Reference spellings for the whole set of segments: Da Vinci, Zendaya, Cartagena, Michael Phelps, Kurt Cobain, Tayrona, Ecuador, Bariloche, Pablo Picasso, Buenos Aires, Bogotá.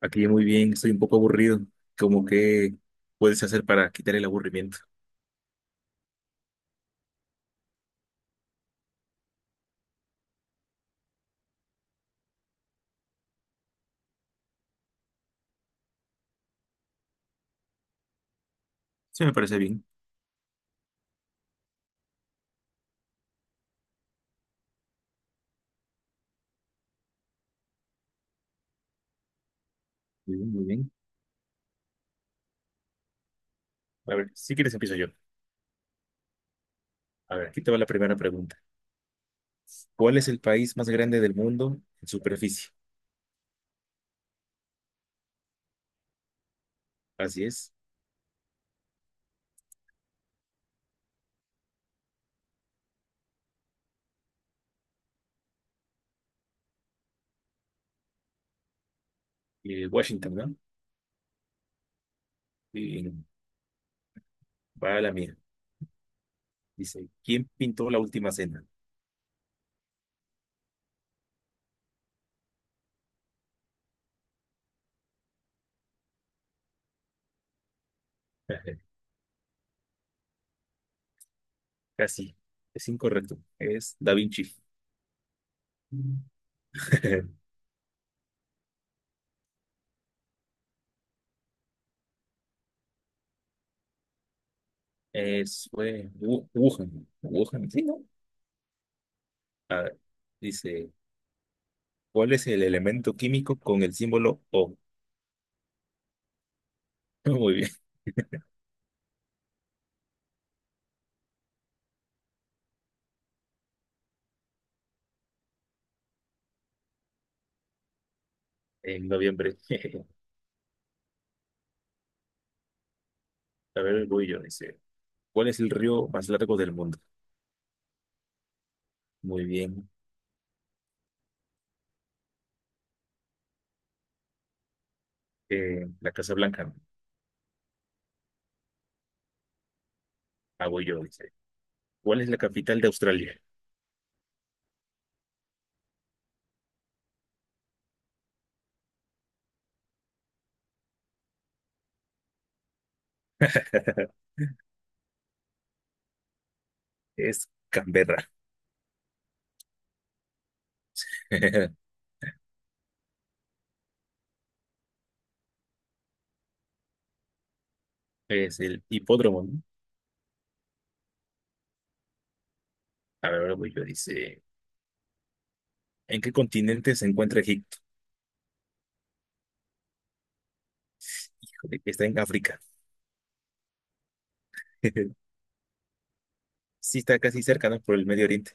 Aquí muy bien, estoy un poco aburrido. Como que puedes hacer para quitar el aburrimiento? Sí, me parece bien. Muy bien, muy bien. A ver, si quieres empiezo yo. A ver, aquí te va la primera pregunta. ¿Cuál es el país más grande del mundo en superficie? Así es. Washington, ¿no? Y va a la mía. Dice, ¿quién pintó la última cena? Casi, es incorrecto. Es Da Vinci. Es, fue Wuhan. Wuhan, sí, ¿no? A ver, dice, ¿cuál es el elemento químico con el símbolo O? Muy bien, en noviembre. A ver, voy yo, dice. ¿Cuál es el río más largo del mundo? Muy bien. La Casa Blanca. Ah, yo, dice. ¿Cuál es la capital de Australia? Es Canberra. Es el hipódromo, ¿no? A ver, voy yo, dice. ¿En qué continente se encuentra Egipto? Híjole, está en África. Sí, está casi cerca, ¿no? Por el Medio Oriente.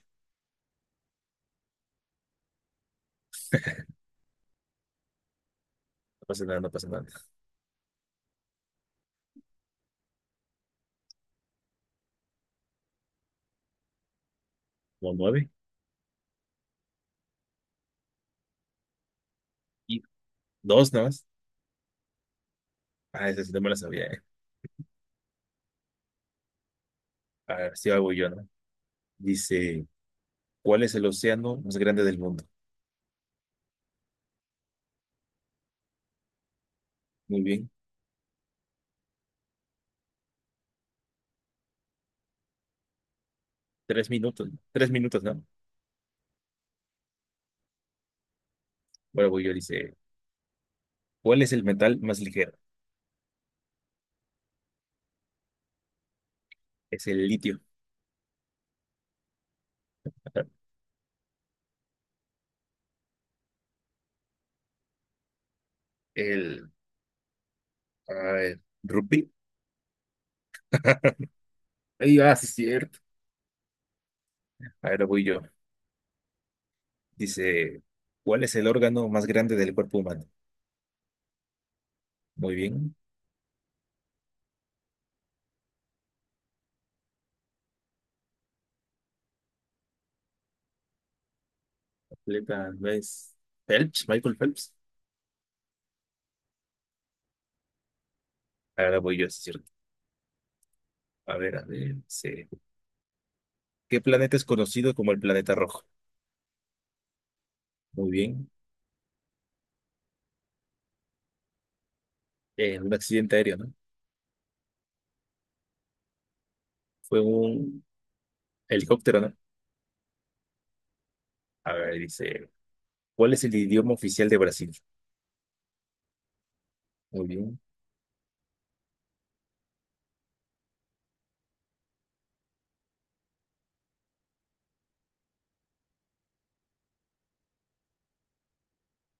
No pasa nada, no pasa nada. Como nueve y dos nomás. Ah, esa sí no me la sabía, ¿eh? A ver, sí, ahí voy yo, ¿no? Dice, ¿cuál es el océano más grande del mundo? Muy bien. Tres minutos, tres minutos, ¿no? Bueno, voy yo, dice, ¿cuál es el metal más ligero? Es el litio. El, a ver, rupí. Ay, ah, sí, es cierto. Ahora voy yo. Dice, ¿cuál es el órgano más grande del cuerpo humano? Muy bien. Atleta, ¿ves? Phelps, Michael Phelps. Ahora voy yo, sí es cierto. A ver, a ver, dice, ¿qué planeta es conocido como el planeta rojo? Muy bien. Un accidente aéreo, ¿no? Fue un, helicóptero, ¿no? A ver, dice, ¿cuál es el idioma oficial de Brasil? Muy bien.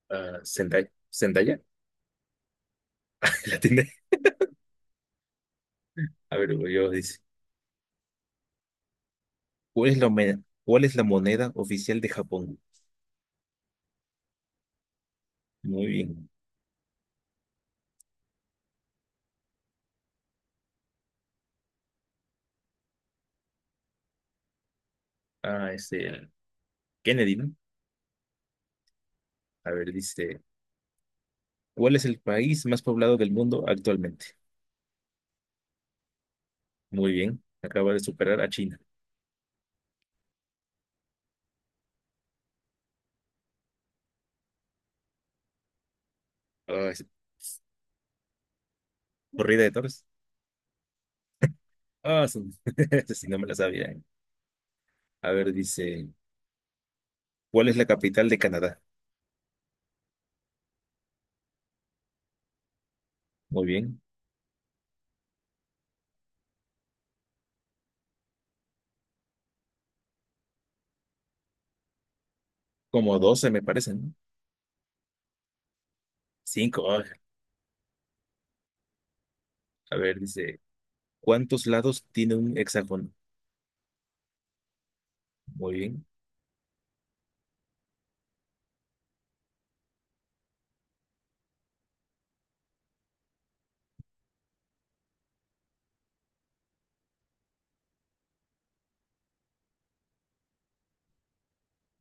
Ah, Zendaya. ¿Zendaya? La tiene. A ver, güey, yo dice, ¿cuál es la moneda oficial de Japón? Muy bien. Ah, este, Kennedy, ¿no? A ver, dice, ¿cuál es el país más poblado del mundo actualmente? Muy bien. Acaba de superar a China. Ah, es- Corrida de toros. Ah, sí. Sí no me la sabía, ¿eh? A ver, dice, ¿cuál es la capital de Canadá? Muy bien. Como 12 me parece, ¿no? Cinco, ah. A ver, dice, ¿cuántos lados tiene un hexágono? Muy bien.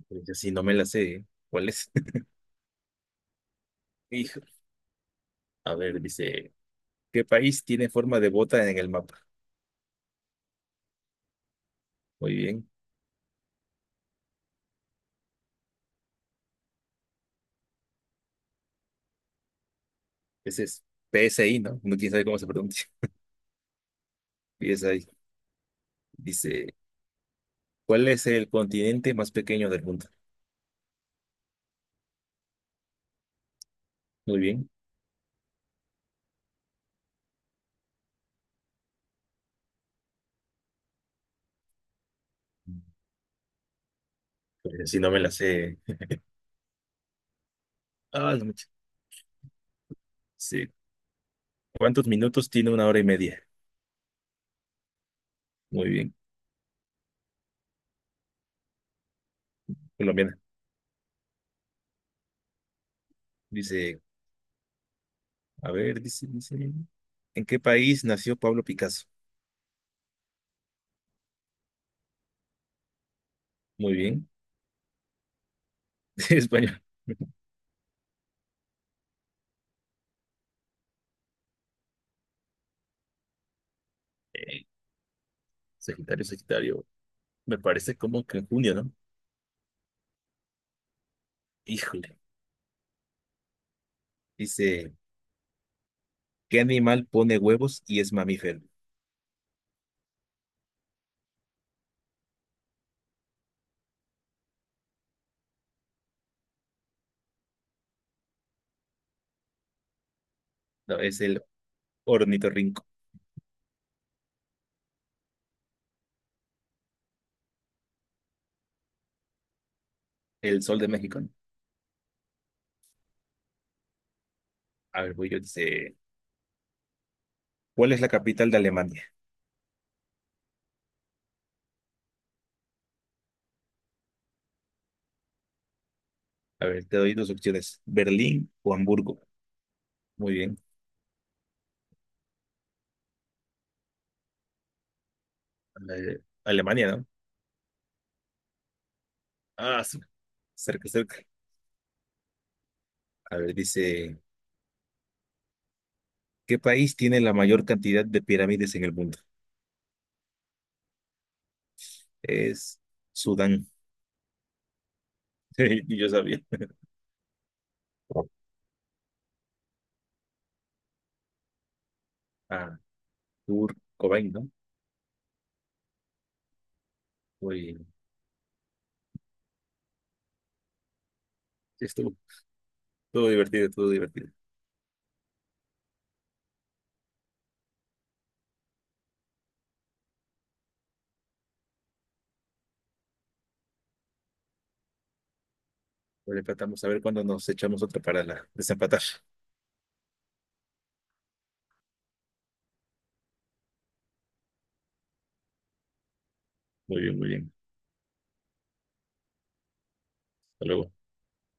Pues así no me la sé, ¿eh? ¿Cuál es? Hijo. A ver, dice, ¿qué país tiene forma de bota en el mapa? Muy bien. Ese es PSI, ¿no? No quién sabe cómo se pronuncia. PSI. Dice, ¿cuál es el continente más pequeño del mundo? Muy bien. Pues así no me la sé. Ah, la mecha. Dice, ¿cuántos minutos tiene una hora y media? Muy bien. Colombiana. Dice, a ver, dice, ¿en qué país nació Pablo Picasso? Muy bien. Sí, español. Eh, Sagitario. Me parece como que en junio, ¿no? Híjole. Dice, ¿qué animal pone huevos y es mamífero? No, es el ornitorrinco. El sol de México, ¿no? A ver, voy yo. Dice, ¿cuál es la capital de Alemania? A ver, te doy dos opciones, Berlín o Hamburgo. Muy bien. Alemania, ¿no? Ah, sí, cerca, cerca. A ver, dice, ¿qué país tiene la mayor cantidad de pirámides en el mundo? Es Sudán. Yo sabía. Ah, Kurt Cobain, ¿no? Muy, sí, estuvo, estuvo divertido, estuvo divertido. Lo tratamos a ver cuándo nos echamos otra para desempatar. Muy bien, muy bien. Hasta luego.